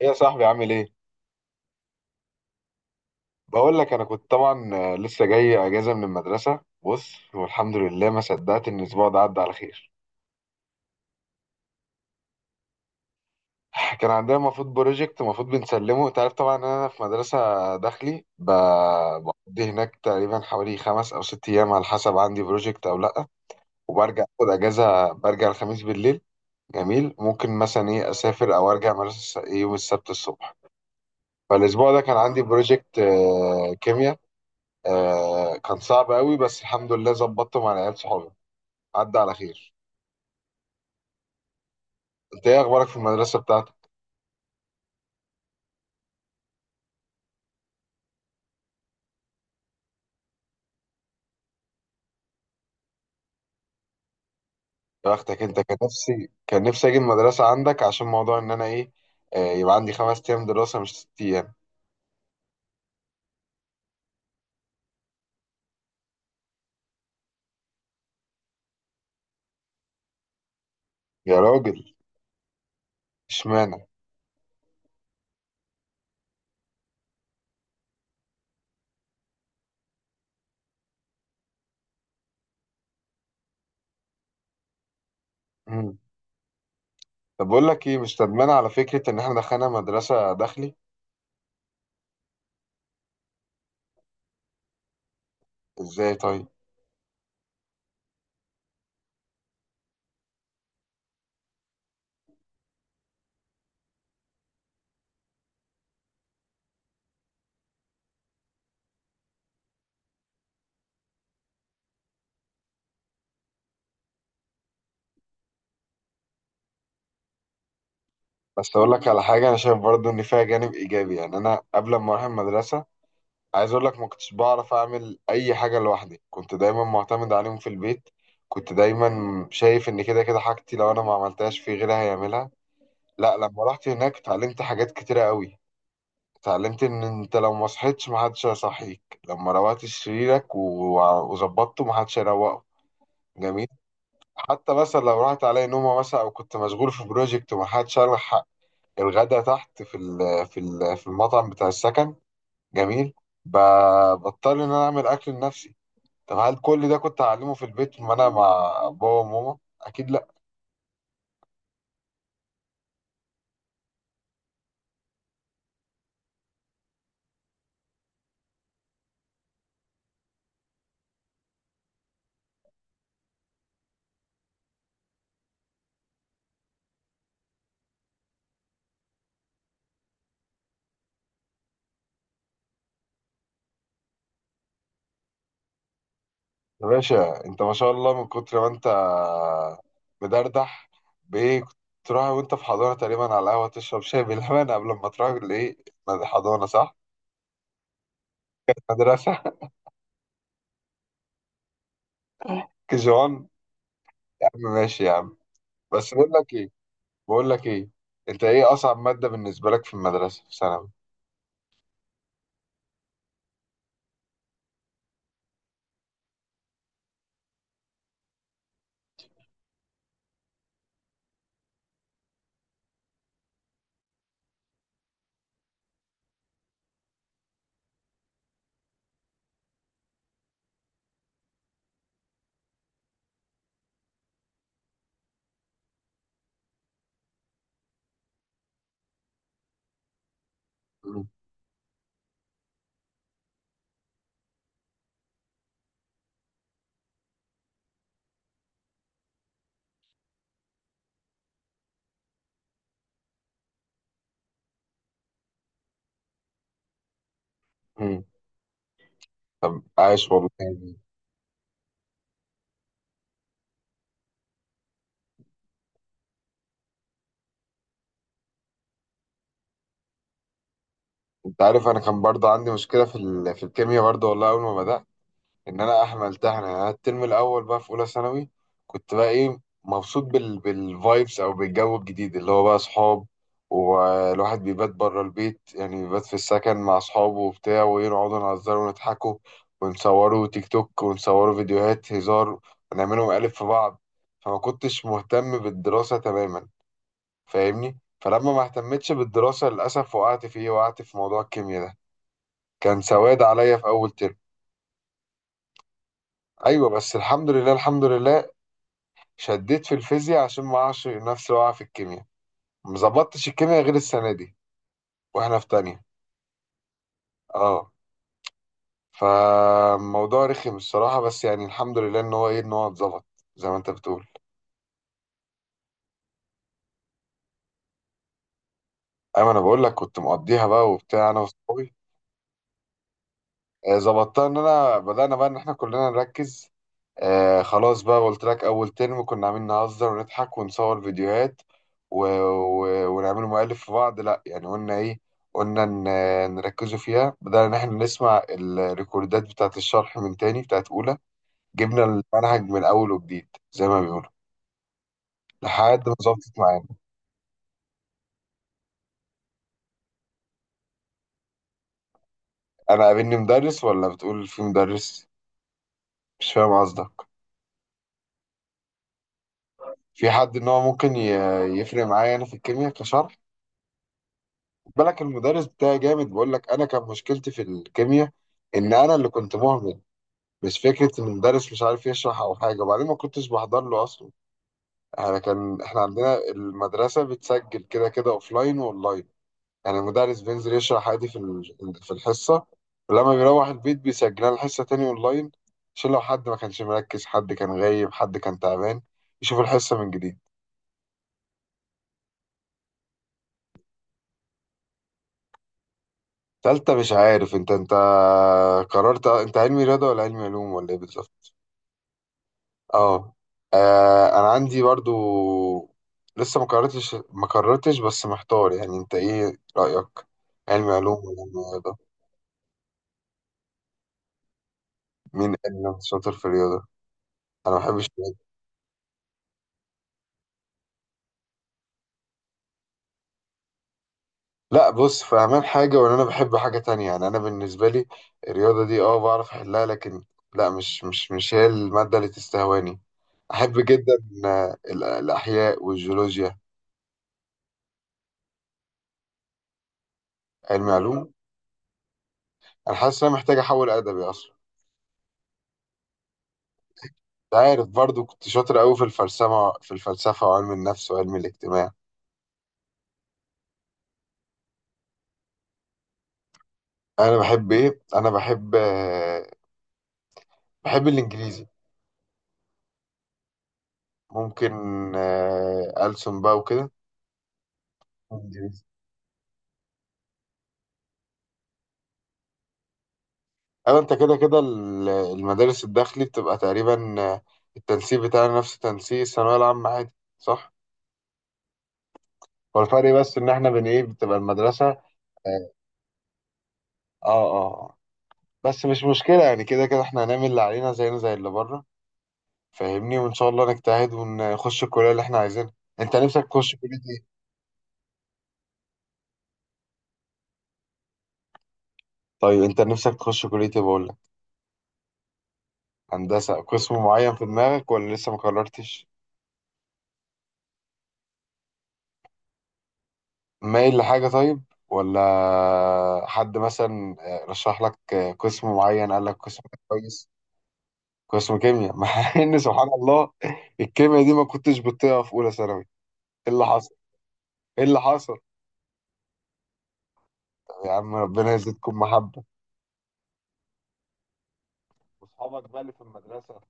ايه يا صاحبي عامل ايه؟ بقول لك انا كنت طبعا لسه جاي اجازه من المدرسه. بص، والحمد لله ما صدقت ان الاسبوع ده عدى على خير. كان عندنا المفروض بروجكت المفروض بنسلمه. انت عارف طبعا ان انا في مدرسه داخلي. بقضي هناك تقريبا حوالي 5 أو 6 أيام على حسب عندي بروجكت او لا، وبرجع اخد اجازه، برجع الخميس بالليل. جميل، ممكن مثلا ايه اسافر او ارجع مدرسه الس- إيه يوم السبت الصبح. فالاسبوع ده كان عندي بروجكت كيمياء. آه كان صعب قوي، بس الحمد لله ظبطته مع العيال صحابي، عدى على خير. انت ايه اخبارك في المدرسه بتاعتك؟ يا بختك انت، كان نفسي اجي المدرسه عندك، عشان موضوع ان انا ايه. آه، يبقى عندي 5 أيام دراسه مش 6 أيام. يا راجل، اشمعنى؟ مم. طب بقول لك ايه، مش ندمانه على فكره ان احنا دخلنا مدرسه داخلي. ازاي طيب؟ بس اقول لك على حاجه، انا شايف برضو ان فيها جانب ايجابي. يعني انا قبل ما اروح المدرسه، عايز اقول لك ما كنتش بعرف اعمل اي حاجه لوحدي. كنت دايما معتمد عليهم في البيت. كنت دايما شايف ان كده كده حاجتي لو انا ما عملتهاش، في غيرها هيعملها. لا، لما رحت هناك اتعلمت حاجات كتيره قوي. اتعلمت ان انت لو ما صحيتش ما حدش هيصحيك. لما روقت سريرك وظبطته ما حدش هيروقه. جميل. حتى مثلا لو راحت عليا نومه، مثلا، او كنت مشغول في بروجكت وما حدش الحق الغدا تحت في المطعم بتاع السكن. جميل. ب- بضطر ان انا اعمل اكل لنفسي. طب هل كل ده كنت هعلمه في البيت ما انا مع بابا وماما؟ اكيد لا. يا باشا انت، ما شاء الله، من كتر ما انت مدردح. بايه كنت تروح وانت في حضانه تقريبا على القهوه تشرب شاي باللبن قبل ما تروح حضانه؟ صح. مدرسه. كجوان. يا عم ماشي يا عم. بس بقول لك ايه، انت ايه اصعب ماده بالنسبه لك في المدرسه في ثانوي؟ مم. مم. طب عايش والله. انت عارف انا كان برضه عندي مشكله في في الكيمياء برضه. والله اول ما بدات ان انا احمل تحنا، يعني أنا الترم الاول بقى في اولى ثانوي، كنت بقى ايه، مبسوط بالفايبس او بالجو الجديد اللي هو بقى اصحاب والواحد بيبات بره البيت. يعني بيبات في السكن مع اصحابه وبتاع، ويقعدوا نهزروا ونضحكوا ونصوروا تيك توك، ونصوروا فيديوهات هزار، ونعملوا مقالب في بعض. فما كنتش مهتم بالدراسة تماما، فاهمني؟ فلما ما اهتمتش بالدراسة للأسف وقعت في ايه، وقعت في موضوع الكيمياء ده. كان سواد عليا في أول ترم. ايوه، بس الحمد لله الحمد لله، شديت في الفيزياء عشان ما اعرفش نفسي واقع في الكيمياء. ما ظبطتش الكيمياء غير السنه دي، واحنا في تانية. اه، فالموضوع رخم الصراحه، بس يعني الحمد لله ان هو ايه، ان هو اتظبط زي ما انت بتقول. ايوه، انا بقول لك كنت مقضيها بقى وبتاع انا واصحابي. ظبطتها ان انا بدأنا بقى ان احنا كلنا نركز. آه خلاص، بقى قلت لك اول ترم كنا عاملين نهزر ونضحك ونصور فيديوهات ونعمل مؤلف في بعض. لا يعني قلنا ايه، قلنا نركزوا فيها. بدأنا ان احنا نسمع الريكوردات بتاعت الشرح من تاني بتاعت اولى، جبنا المنهج من اول وجديد زي ما بيقولوا، لحد ما ظبطت معانا. انا قابلني مدرس ولا بتقول في مدرس؟ مش فاهم قصدك. في حد ان هو ممكن يفرق معايا انا في الكيمياء كشرح؟ بالك المدرس بتاعي جامد. بقول لك انا كان مشكلتي في الكيمياء ان انا اللي كنت مهمل، مش فكره ان المدرس مش عارف يشرح او حاجه. وبعدين ما كنتش بحضر له اصلا. احنا كان احنا عندنا المدرسه بتسجل كده كده اوفلاين واونلاين. يعني المدرس بينزل يشرح عادي في في الحصه، ولما بيروح البيت بيسجلها الحصه تاني اونلاين، عشان لو حد ما كانش مركز، حد كان غايب، حد كان تعبان، يشوف الحصه من جديد. تالتة مش عارف. انت قررت انت علمي رياضه ولا علمي علوم ولا ايه بالظبط؟ اه. انا عندي برضو لسه ما قررتش، بس محتار يعني، انت ايه رأيك؟ علم علوم ولا رياضة؟ مين اللي شاطر في الرياضة؟ انا ما بحبش الرياضة. لا بص، فاهمان حاجة ولا انا بحب حاجة تانية. يعني انا بالنسبة لي، الرياضة دي اه بعرف احلها، لكن لا، مش هي المادة اللي تستهواني. احب جدا الاحياء والجيولوجيا. علم علوم. انا حاسس ان انا محتاج احول ادبي اصلا. عارف برضو كنت شاطر قوي في الفلسفة وعلم النفس وعلم الاجتماع. أنا بحب إيه؟ أنا بحب الإنجليزي ممكن ألسن بقى وكده. إنجليزي. أو أنت كده كده المدارس الداخلي بتبقى تقريبا، التنسيق بتاعنا نفس تنسيق الثانوية العامة عادي، صح؟ هو الفرق بس إن إحنا بن إيه بتبقى المدرسة. آه آه آه. بس مش مشكلة يعني، كده كده إحنا هنعمل اللي علينا زينا زي اللي بره، فاهمني؟ وان شاء الله نجتهد ونخش الكليه اللي احنا عايزينها. انت نفسك تخش كليه ايه؟ طيب انت نفسك تخش كليه ايه بقول لك؟ هندسه، قسم معين في دماغك ولا لسه ما قررتش؟ مايل لحاجه طيب، ولا حد مثلا رشح لك قسم معين، قال لك قسم ده كويس؟ قسم كيمياء. مع ان سبحان الله الكيمياء دي ما كنتش بتطيقها في اولى ثانوي. ايه اللي حصل؟ ايه اللي حصل؟ يا عم ربنا يزيدكم محبه. واصحابك بقى اللي في المدرسه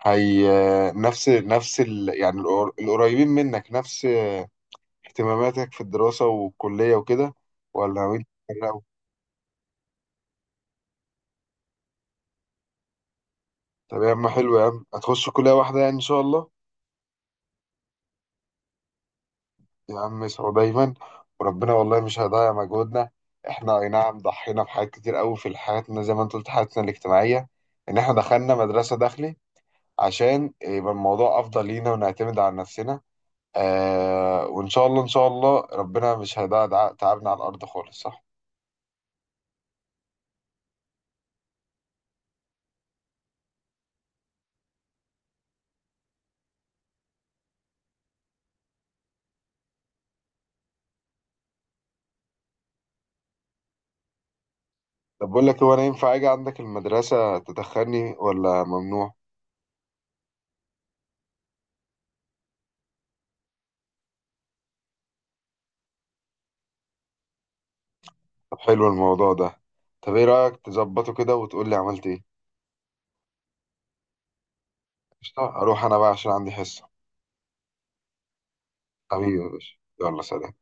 هي يعني القريبين منك، نفس اهتماماتك في الدراسة والكلية وكده، ولا ناويين تفرقوا؟ طب يا عم حلو يا عم، هتخشوا كلية واحدة يعني إن شاء الله. يا عم اسعوا دايما وربنا والله مش هيضيع مجهودنا. احنا أي نعم ضحينا بحاجات كتير قوي في حياتنا زي ما انت قلت، حياتنا الاجتماعية، إن احنا دخلنا مدرسة داخلي عشان يبقى الموضوع أفضل لينا ونعتمد على نفسنا. وان شاء الله، ان شاء الله، ربنا مش هيدع تعبنا على الارض خالص، صح؟ طب بقول لك، هو انا ينفع اجي عندك المدرسه تدخلني ولا ممنوع؟ طب حلو الموضوع ده. طب ايه رايك تظبطه كده وتقول لي عملت ايه؟ قشطه، اروح انا بقى عشان عندي حصه. حبيبي يا باشا يلا سلام.